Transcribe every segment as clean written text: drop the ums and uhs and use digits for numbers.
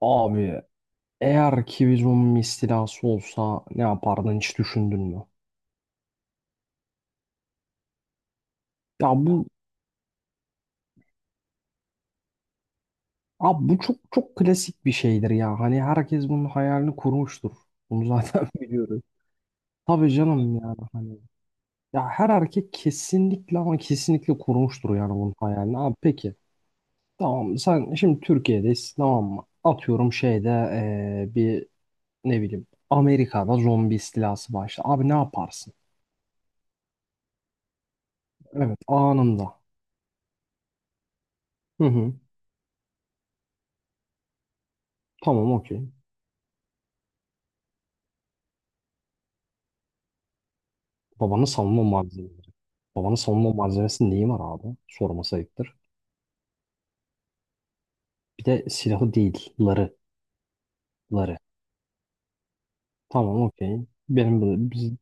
Abi eğer ki bir zombi istilası olsa ne yapardın hiç düşündün mü? Ya bu abi bu çok çok klasik bir şeydir ya. Hani herkes bunun hayalini kurmuştur. Bunu zaten biliyoruz. Tabii canım yani hani. Ya her erkek kesinlikle ama kesinlikle kurmuştur yani bunun hayalini. Abi peki tamam sen şimdi Türkiye'deyiz tamam mı? Atıyorum şeyde bir ne bileyim Amerika'da zombi istilası başladı. Abi ne yaparsın? Evet anında. Hı hı. Tamam okey. Babanın savunma malzemeleri. Babanın savunma malzemesi neyi var abi? Sorması ayıptır. Bir de silahı değil. Ları. Ları. Tamam okey. Benim bu- biz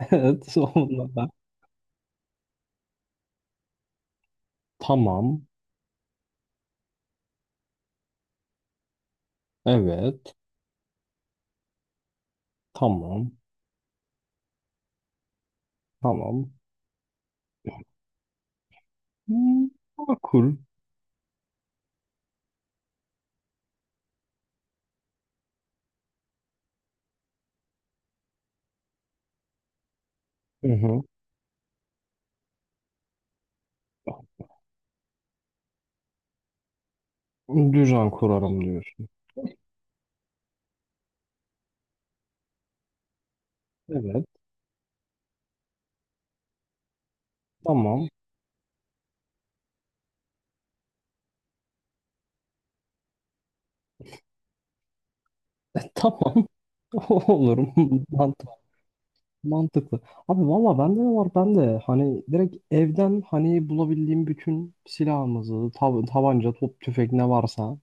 Evet sonunda da. Tamam. Evet. Tamam. Tamam. Hmm, makul. Hı hı. Düzen kurarım diyorsun. Evet. Tamam. Tamam. Olurum. Mantıklı. Abi valla bende ne var? Ben de hani direkt evden hani bulabildiğim bütün silahımızı, tabanca, top, tüfek ne varsa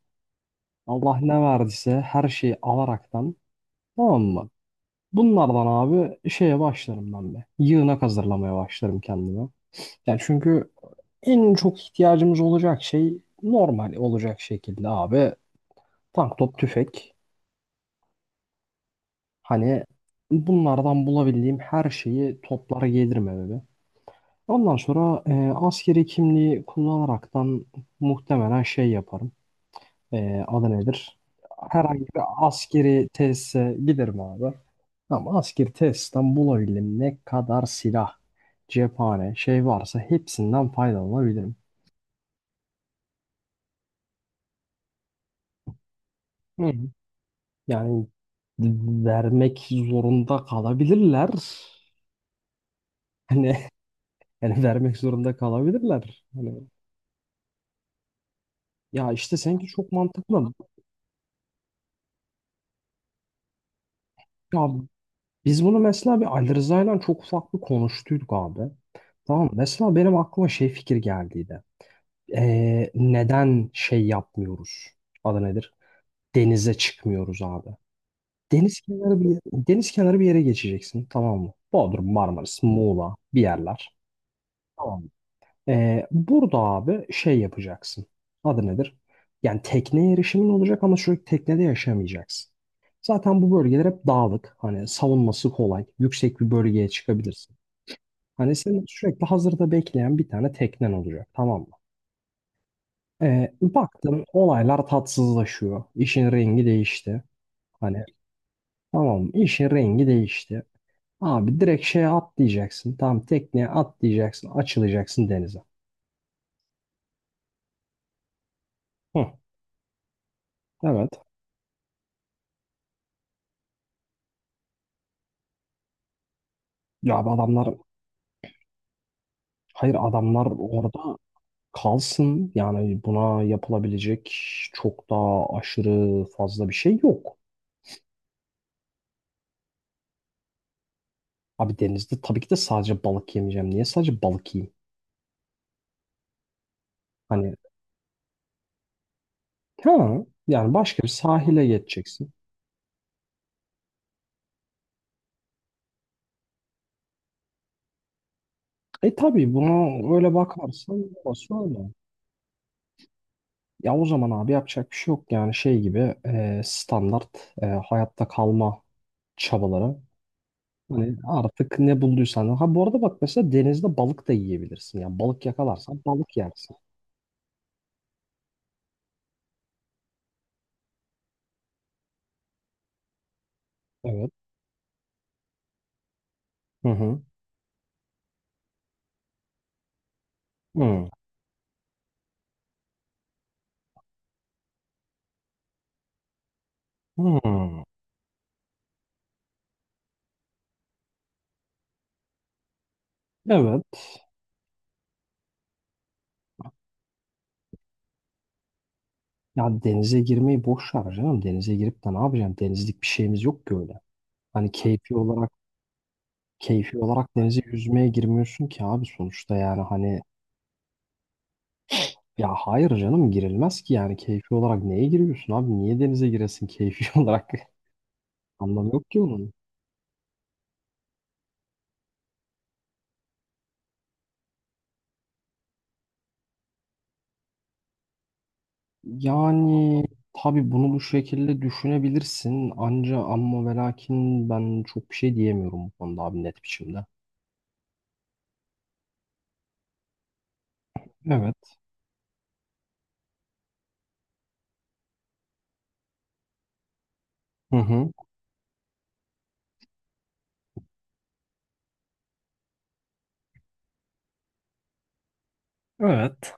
Allah ne verdiyse her şeyi alaraktan tamam mı? Bunlardan abi şeye başlarım ben de. Yığınak hazırlamaya başlarım kendime. Yani çünkü en çok ihtiyacımız olacak şey normal olacak şekilde abi tank, top, tüfek. Hani bunlardan bulabildiğim her şeyi toplara gelirim eve. Ondan sonra askeri kimliği kullanaraktan muhtemelen şey yaparım. Adı nedir? Herhangi bir askeri tesise giderim abi. Ama askeri tesisten bulabildiğim ne kadar silah, cephane, şey varsa hepsinden faydalanabilirim. Hı. Yani vermek zorunda kalabilirler. Hani yani vermek zorunda kalabilirler. Hani. İşte seninki çok mantıklı. Ya biz bunu mesela bir Ali Rıza'yla çok ufak bir konuştuyduk abi. Tamam mı? Mesela benim aklıma şey fikir geldiydi. Neden şey yapmıyoruz? Adı nedir? Denize çıkmıyoruz abi. Deniz kenarı bir yere geçeceksin tamam mı? Bodrum, Marmaris, Muğla bir yerler. Tamam mı? Burada abi şey yapacaksın. Adı nedir? Yani tekneye erişimin olacak ama sürekli teknede yaşamayacaksın. Zaten bu bölgeler hep dağlık. Hani savunması kolay. Yüksek bir bölgeye çıkabilirsin. Hani senin sürekli hazırda bekleyen bir tane teknen olacak tamam mı? Baktın olaylar tatsızlaşıyor. İşin rengi değişti. Hani tamam mı? İşin rengi değişti. Abi direkt şeye atlayacaksın. Tamam tekneye atlayacaksın. Açılacaksın denize. Hı, evet. Ya abi hayır adamlar orada kalsın. Yani buna yapılabilecek çok daha aşırı fazla bir şey yok. Abi denizde tabii ki de sadece balık yemeyeceğim. Niye sadece balık yiyeyim? Hani ha, yani başka bir sahile geçeceksin. E tabii buna öyle bakarsan orası öyle. Ya o zaman abi yapacak bir şey yok yani şey gibi standart hayatta kalma çabaları. Hani artık ne bulduysan. Ha bu arada bak mesela denizde balık da yiyebilirsin. Yani balık yakalarsan balık yersin. Evet. Hı hı. Hı. Hı. Evet. Ya denize girmeyi boş ver canım. Denize girip de ne yapacaksın? Denizlik bir şeyimiz yok ki öyle. Hani keyfi olarak denize yüzmeye girmiyorsun ki abi sonuçta yani hani ya hayır canım girilmez ki yani keyfi olarak neye giriyorsun abi niye denize giresin keyfi olarak anlamı yok ki onun. Yani tabii bunu bu şekilde düşünebilirsin anca amma ve lakin ben çok bir şey diyemiyorum bu konuda abi net biçimde. Evet. Hı hı. Evet.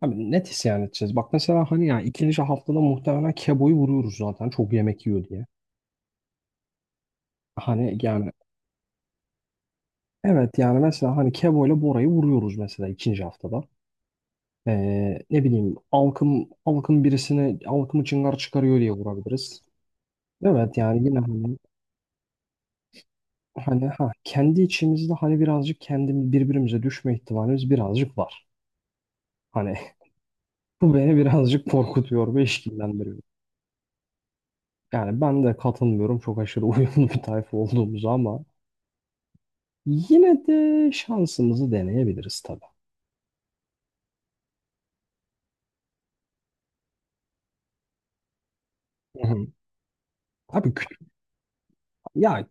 Abi net isyan edeceğiz. Bak mesela hani ya ikinci haftada muhtemelen Kebo'yu vuruyoruz zaten çok yemek yiyor diye. Hani yani evet yani mesela hani Kebo ile Bora'yı vuruyoruz mesela ikinci haftada. Ne bileyim Alkım birisini Alkım'ı çıngar çıkarıyor diye vurabiliriz. Evet yani yine hani, hani ha kendi içimizde hani birazcık kendim birbirimize düşme ihtimalimiz birazcık var. Hani bu beni birazcık korkutuyor ve işkillendiriyor. Yani ben de katılmıyorum çok aşırı uyumlu bir tayfa olduğumuzu ama yine de şansımızı deneyebiliriz tabii. Hı hı. Abi ya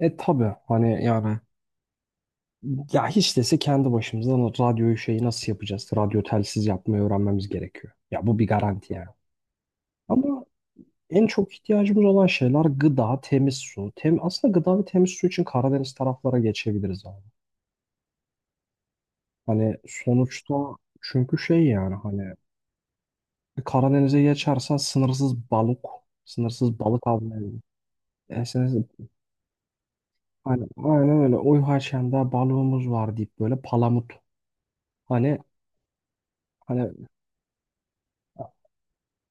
e tabii hani yani ya hiç dese kendi başımıza radyoyu şeyi nasıl yapacağız? Radyo telsiz yapmayı öğrenmemiz gerekiyor. Ya bu bir garanti yani. Ama en çok ihtiyacımız olan şeyler gıda, temiz su. Tem aslında gıda ve temiz su için Karadeniz taraflara geçebiliriz abi. Hani sonuçta çünkü şey yani hani Karadeniz'e geçersen sınırsız balık, sınırsız balık avlayabilirsin. Yani sınırsız- Hani, aynen öyle. Oy haşende balığımız var deyip böyle palamut. Hani hani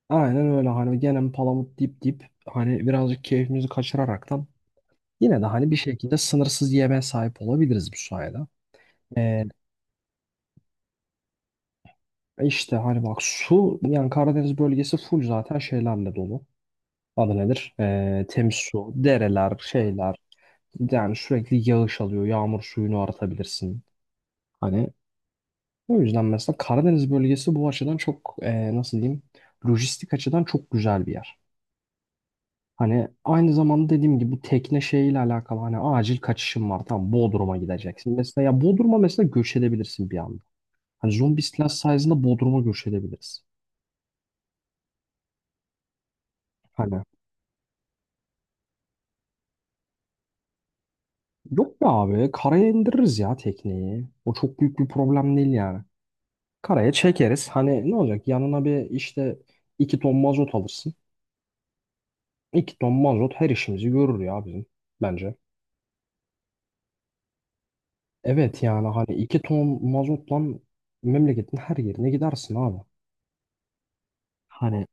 aynen öyle hani gene palamut dip dip hani birazcık keyfimizi kaçıraraktan yine de hani bir şekilde sınırsız yemeğe sahip olabiliriz bu sayede. Ee, işte hani bak su yani Karadeniz bölgesi full zaten şeylerle dolu. Adı nedir? Temiz su, dereler, şeyler. Yani sürekli yağış alıyor. Yağmur suyunu aratabilirsin. Hani o yüzden mesela Karadeniz bölgesi bu açıdan çok nasıl diyeyim? Lojistik açıdan çok güzel bir yer. Hani aynı zamanda dediğim gibi bu tekne şeyiyle alakalı hani acil kaçışın var tamam Bodrum'a gideceksin. Mesela ya Bodrum'a mesela göç edebilirsin bir anda. Hani zombi istilası sayesinde Bodrum'a göç edebiliriz. Hani yok be abi karaya indiririz ya tekneyi. O çok büyük bir problem değil yani. Karaya çekeriz. Hani ne olacak yanına bir işte iki ton mazot alırsın. İki ton mazot her işimizi görür ya bizim bence. Evet yani hani iki ton mazotla memleketin her yerine gidersin abi. Hani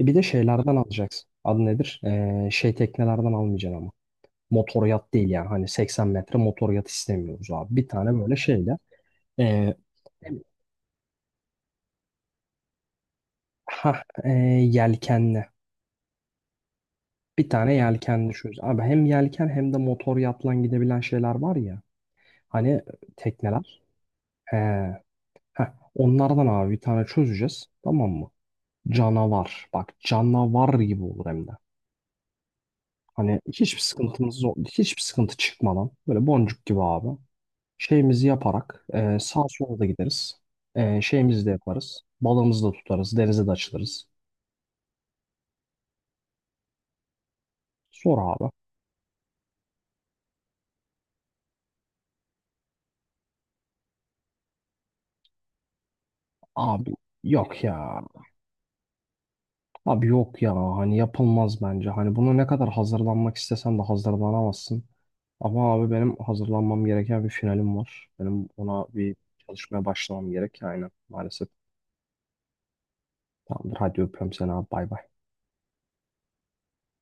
e bir de şeylerden alacaksın. Adı nedir? Şey teknelerden almayacaksın ama. Motor yat değil yani. Hani 80 metre motor yat istemiyoruz abi. Bir tane böyle şeyle. Ee, ha e, Yelkenli. Bir tane yelkenli şöyle. Abi hem yelken hem de motor yatla gidebilen şeyler var ya. Hani tekneler. He, heh, onlardan abi bir tane çözeceğiz. Tamam mı? Canavar. Bak canavar gibi olur hem de. Hani hiçbir sıkıntımız yok. Hiçbir sıkıntı çıkmadan. Böyle boncuk gibi abi. Şeyimizi yaparak sağa sola da gideriz. Şeyimizi de yaparız. Balığımızı da tutarız. Denize de açılırız. Sor abi. Abi yok ya. Abi yok ya. Hani yapılmaz bence. Hani bunu ne kadar hazırlanmak istesen de hazırlanamazsın. Ama abi benim hazırlanmam gereken bir finalim var. Benim ona bir çalışmaya başlamam gerek. Aynen maalesef. Tamamdır. Hadi öpüyorum seni abi. Bay bay.